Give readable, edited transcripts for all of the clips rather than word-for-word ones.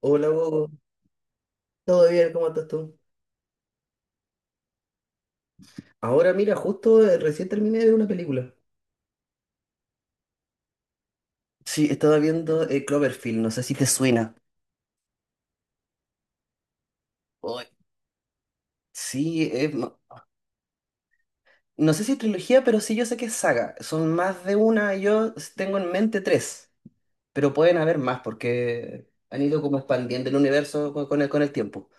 Hola, Hugo. ¿Todo bien? ¿Cómo estás tú? Ahora mira, justo recién terminé de ver una película. Sí, estaba viendo Cloverfield, no sé si te suena. Uy. Sí, no sé si es trilogía, pero sí yo sé que es saga. Son más de una, y yo tengo en mente tres, pero pueden haber más porque han ido como expandiendo el universo con el tiempo.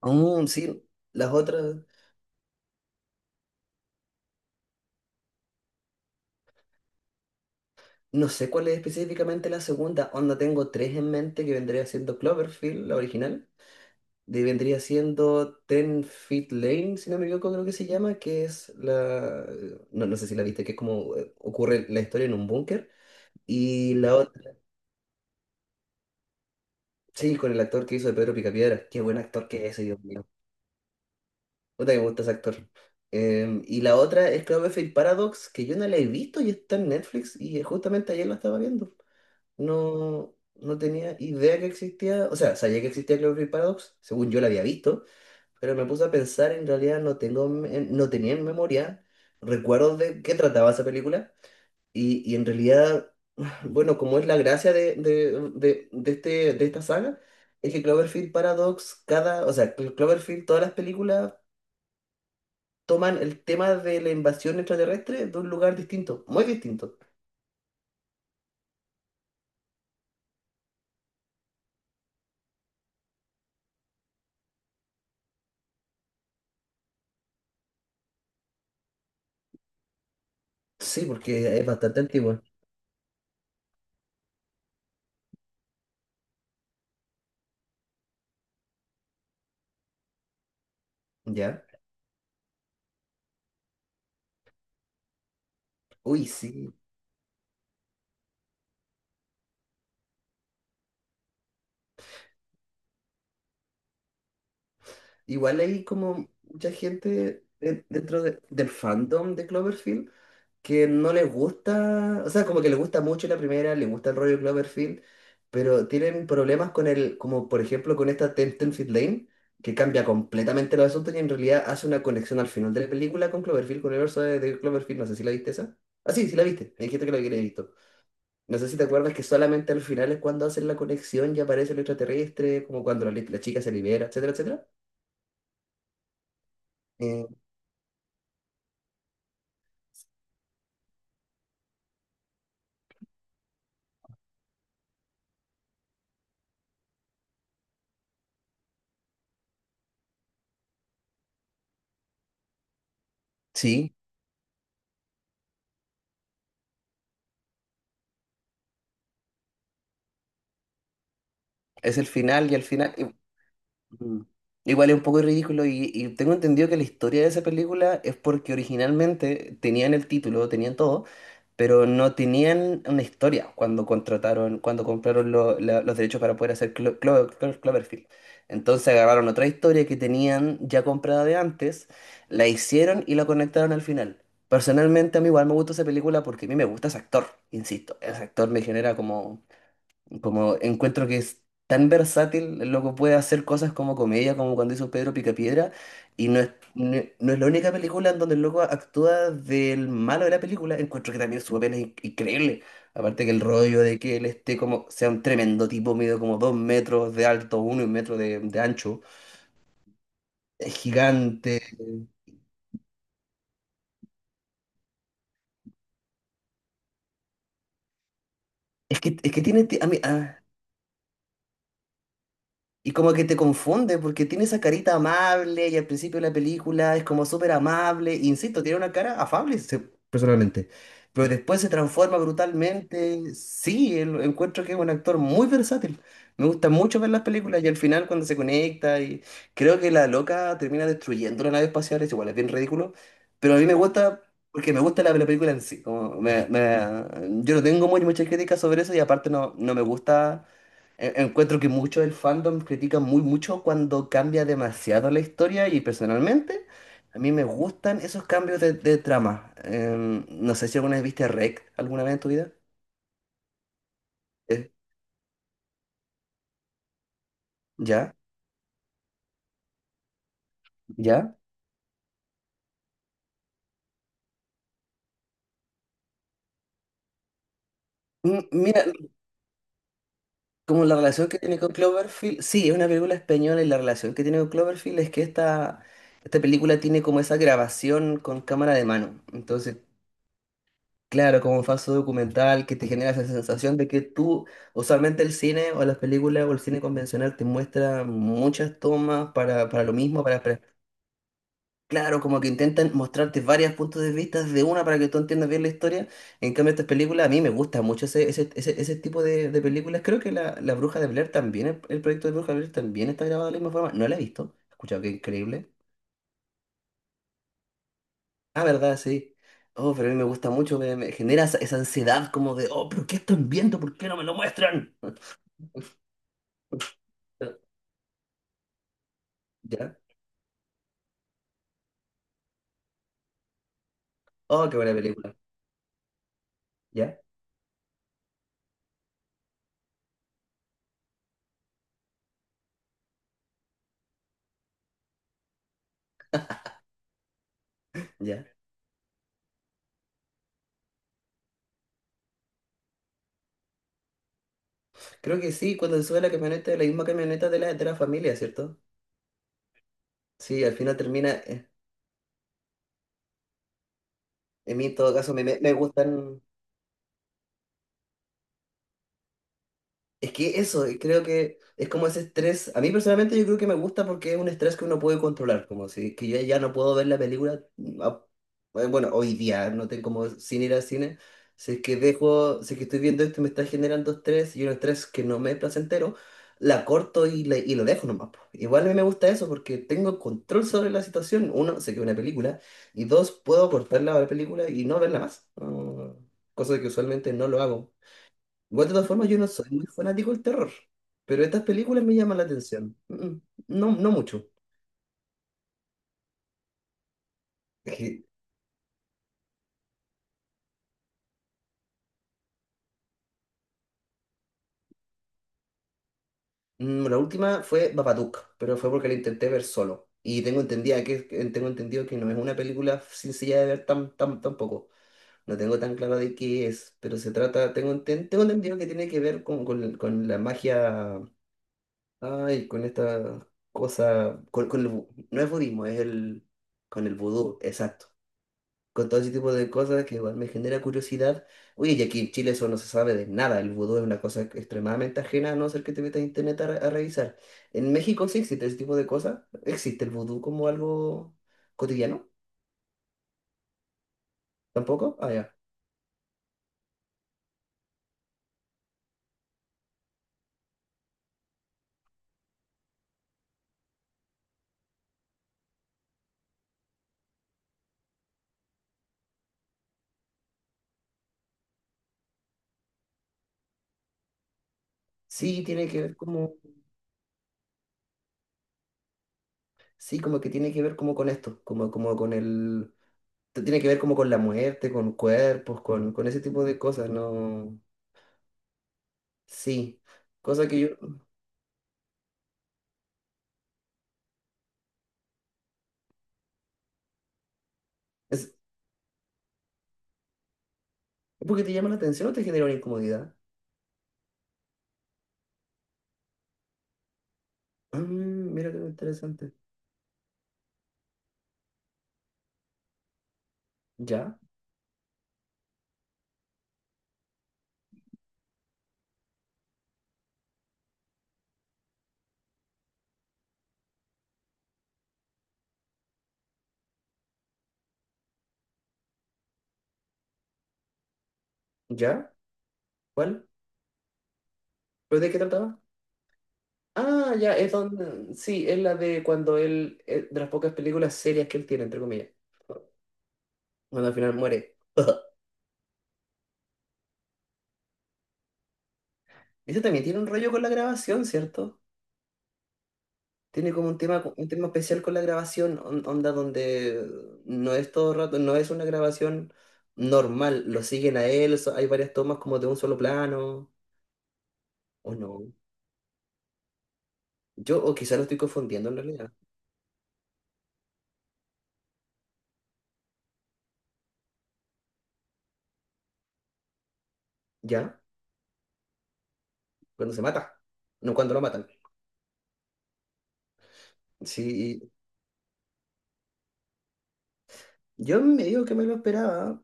Aún sí, las otras, no sé cuál es específicamente la segunda, onda tengo tres en mente que vendría siendo Cloverfield, la original. Vendría siendo Ten Feet Lane, si no me equivoco, creo que se llama, que es la... No, no sé si la viste, que es como ocurre la historia en un búnker. Y la otra, sí, con el actor que hizo de Pedro Picapiedra. Qué buen actor que es ese, Dios mío. Puta que me gusta ese actor. Y la otra es Cloverfield Paradox, que yo no la he visto y está en Netflix y justamente ayer la estaba viendo. No, no tenía idea que existía, o sea, sabía que existía Cloverfield Paradox, según yo la había visto. Pero me puse a pensar, en realidad no tenía en memoria recuerdos de qué trataba esa película. Y en realidad, bueno, como es la gracia de esta saga, es que Cloverfield Paradox, o sea, Cloverfield, todas las películas toman el tema de la invasión extraterrestre de un lugar distinto, muy distinto. Sí, porque es bastante antigua, ¿ya? Uy, sí. Igual hay como mucha gente dentro del fandom de Cloverfield que no les gusta, o sea, como que les gusta mucho la primera, les gusta el rollo Cloverfield, pero tienen problemas con el, como por ejemplo con esta Tenfield Lane, que cambia completamente los asuntos y en realidad hace una conexión al final de la película con Cloverfield, con el universo de Cloverfield, no sé si la viste esa. Ah, sí, sí la viste, me dijiste que la habías visto. No sé si te acuerdas que solamente al final es cuando hacen la conexión y aparece el extraterrestre, como cuando la chica se libera, etcétera, etcétera. Eh, sí, es el final y al final. Mm. Igual es un poco ridículo y tengo entendido que la historia de esa película es porque originalmente tenían el título, tenían todo, pero no tenían una historia cuando contrataron, cuando compraron los derechos para poder hacer Cloverfield. Entonces agarraron otra historia que tenían ya comprada de antes, la hicieron y la conectaron al final. Personalmente a mí igual me gusta esa película porque a mí me gusta ese actor, insisto, ese actor me genera como... Como encuentro que es tan versátil, el loco puede hacer cosas como comedia, como cuando hizo Pedro Picapiedra, y no es la única película en donde el loco actúa del malo de la película. Encuentro que también su papel es increíble. Aparte que el rollo de que él esté como, sea un tremendo tipo, medio como 2 metros de alto, uno y 1 metro de ancho, es gigante. Es que tiene, ti- a mí, ah, Y como que te confunde, porque tiene esa carita amable y al principio de la película es como súper amable. E insisto, tiene una cara afable, personalmente. Pero después se transforma brutalmente. Sí, encuentro que es un actor muy versátil. Me gusta mucho ver las películas y al final cuando se conecta y creo que la loca termina destruyendo la nave espacial, es igual, es bien ridículo. Pero a mí me gusta porque me gusta la película en sí. Como yo no tengo muchas críticas sobre eso y aparte no, no me gusta. Encuentro que mucho del fandom critica muy mucho cuando cambia demasiado la historia y personalmente a mí me gustan esos cambios de trama. No sé si alguna vez viste REC alguna vez en tu vida. Eh, ¿Ya? ¿Ya? Mira como la relación que tiene con Cloverfield, sí, es una película española y la relación que tiene con Cloverfield es que esta película tiene como esa grabación con cámara de mano. Entonces claro, como un falso documental que te genera esa sensación de que tú, usualmente el cine o las películas o el cine convencional te muestra muchas tomas para lo mismo, claro, como que intentan mostrarte varios puntos de vista de una para que tú entiendas bien la historia. En cambio, estas películas, a mí me gusta mucho ese tipo de películas. Creo que la Bruja de Blair también, el proyecto de Bruja de Blair también está grabado de la misma forma. No la he visto, he escuchado que es increíble. Ah, verdad, sí. Oh, pero a mí me gusta mucho, me genera esa ansiedad como de, oh, pero ¿qué están viendo? ¿Por qué no me lo muestran? ¿Ya? Oh, qué buena película. ¿Ya? ¿Ya? Creo que sí, cuando se sube a la camioneta, es la misma camioneta de la familia, ¿cierto? Sí, al final termina, en mí en todo caso me gustan. Es que eso, y creo que es como ese estrés. A mí personalmente yo creo que me gusta porque es un estrés que uno puede controlar, como si que yo ya no puedo ver la película. a- Bueno, hoy día no tengo como sin ir al cine. Si es que dejo, si es que estoy viendo esto y me está generando estrés y un estrés que no me es placentero, la corto y lo dejo nomás, po. Igual a mí me gusta eso porque tengo control sobre la situación. Uno, sé que es una película y dos, puedo cortarla a la película y no verla más. No, cosa que usualmente no lo hago. Igual, de todas formas, yo no soy muy fanático del terror, pero estas películas me llaman la atención. No, no mucho. Es que, la última fue Babadook, pero fue porque la intenté ver solo. Y tengo entendida tengo entendido que no es una película sencilla de ver tampoco. No tengo tan claro de qué es, pero se trata, tengo entendido que tiene que ver con la magia, ay, con esta cosa, con el, no es budismo, es el, con el vudú, exacto. Con todo ese tipo de cosas que igual me genera curiosidad. Oye, y aquí en Chile eso no se sabe de nada, el vudú es una cosa extremadamente ajena, a no ser que te metas a internet a revisar. En México sí existe ese tipo de cosas, existe el vudú como algo cotidiano, tampoco, ah, ya. Sí, tiene que ver como, sí, como que tiene que ver como con esto, como con el, tiene que ver como con la muerte, con cuerpos, con ese tipo de cosas, ¿no? Sí, cosa que yo, es, ¿porque te llama la atención o te genera una incomodidad? Mm, mira qué interesante. ¿Ya? ¿Ya? ¿Cuál? ¿Pero de qué trataba? Ah, ya, es donde... Sí, es la de cuando él... De las pocas películas serias que él tiene, entre comillas. Cuando al final muere. Ese también tiene un rollo con la grabación, ¿cierto? Tiene como un tema especial con la grabación, onda donde no es todo el rato, no es una grabación normal, lo siguen a él, hay varias tomas como de un solo plano, o no. Yo, o quizá lo estoy confundiendo en realidad. ¿Ya? Cuando se mata, no cuando lo matan. Sí, yo me digo que me lo esperaba,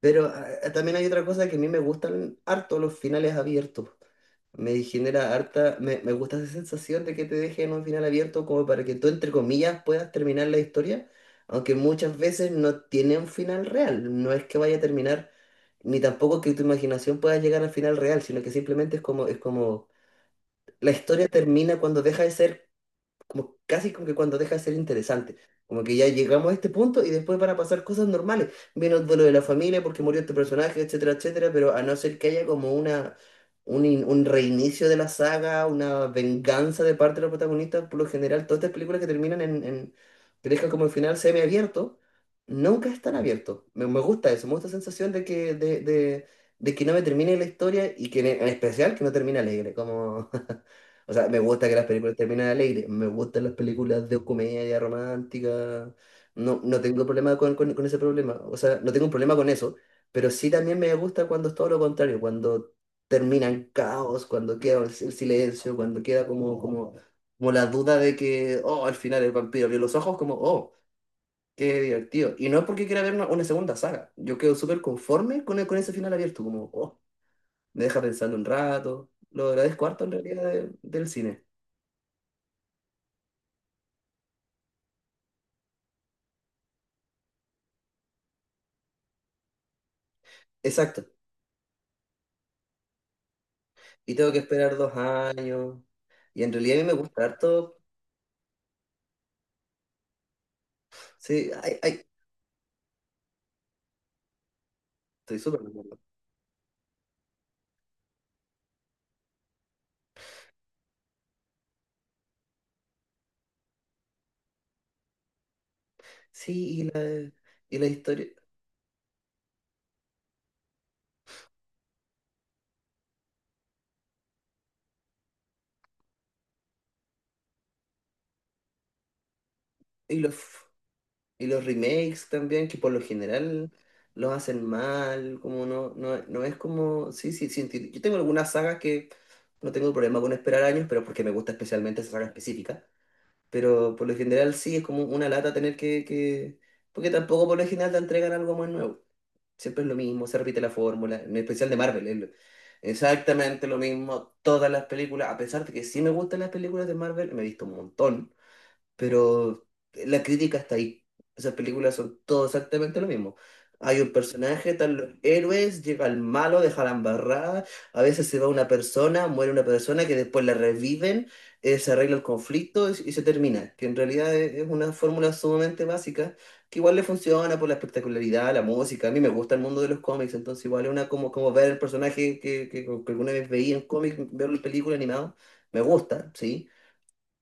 pero también hay otra cosa que a mí me gustan harto los finales abiertos. Me genera harta, me gusta esa sensación de que te dejen un final abierto como para que tú, entre comillas, puedas terminar la historia, aunque muchas veces no tiene un final real. No es que vaya a terminar, ni tampoco que tu imaginación pueda llegar al final real, sino que simplemente es como, la historia termina cuando deja de ser como casi como que cuando deja de ser interesante. Como que ya llegamos a este punto y después van a pasar cosas normales. Viene el duelo de la familia porque murió este personaje, etcétera, etcétera, pero a no ser que haya como un reinicio de la saga, una venganza de parte de los protagonistas, por lo general, todas estas películas que terminan en que dejan como el final semiabierto, nunca están abiertos. Me gusta eso, me gusta la sensación de que no me termine la historia y que en especial que no termine alegre, como... O sea, me gusta que las películas terminen alegres, me gustan las películas de comedia romántica, no, no tengo problema con ese problema, o sea, no tengo un problema con eso, pero sí también me gusta cuando es todo lo contrario, cuando termina en caos, cuando queda el silencio, cuando queda como la duda de que, oh, al final el vampiro abrió los ojos, como, oh, qué divertido. Y no es porque quiera ver una segunda saga, yo quedo súper conforme con ese final abierto, como, oh, me deja pensando un rato, lo agradezco harto en realidad del cine. Exacto. Y tengo que esperar 2 años. Y en realidad a mí me gusta harto. Sí, ay, ay, estoy súper de acuerdo. Sí, y la historia. Y los, y los remakes también, que por lo general los hacen mal. Como no, no, no es como. Sí, sí, sí. Yo tengo algunas sagas que no tengo problema con esperar años, pero porque me gusta especialmente esa saga específica. Pero por lo general sí, es como una lata tener que... Porque tampoco por lo general te entregan algo muy nuevo. Siempre es lo mismo, se repite la fórmula, en especial de Marvel. Exactamente lo mismo, todas las películas, a pesar de que sí me gustan las películas de Marvel, me he visto un montón, pero la crítica está ahí. Esas películas son todo exactamente lo mismo. Hay un personaje, están los héroes, llega el malo, deja la embarrada, a veces se va una persona, muere una persona que después la reviven, se arregla el conflicto y se termina, que en realidad es una fórmula sumamente básica que igual le funciona por la espectacularidad, la música. A mí me gusta el mundo de los cómics, entonces igual es una como, como ver el personaje que alguna vez veía en cómics, verlo en película animado, me gusta, ¿sí?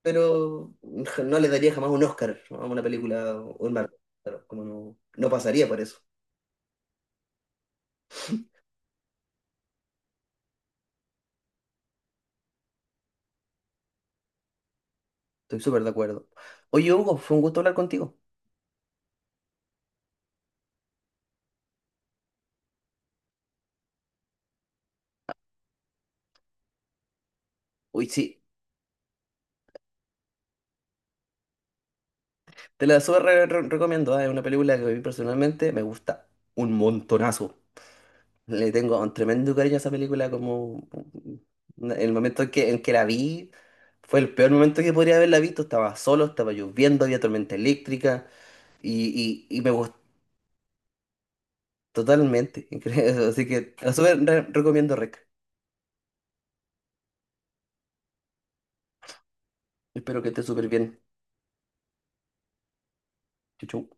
Pero ja, no le daría jamás un Oscar a una película o un Marvel. Claro, como no, no pasaría por eso. Estoy súper de acuerdo. Oye, Hugo, fue un gusto hablar contigo. Uy, sí, te la súper recomiendo. Es una película que a mí personalmente me gusta un montonazo. Le tengo un tremendo cariño a esa película, como el momento en que la vi fue el peor momento que podría haberla visto. Estaba solo, estaba lloviendo, había tormenta eléctrica y me gustó totalmente. Así que te la súper recomiendo, Rec. Espero que estés súper bien. Chau, chau.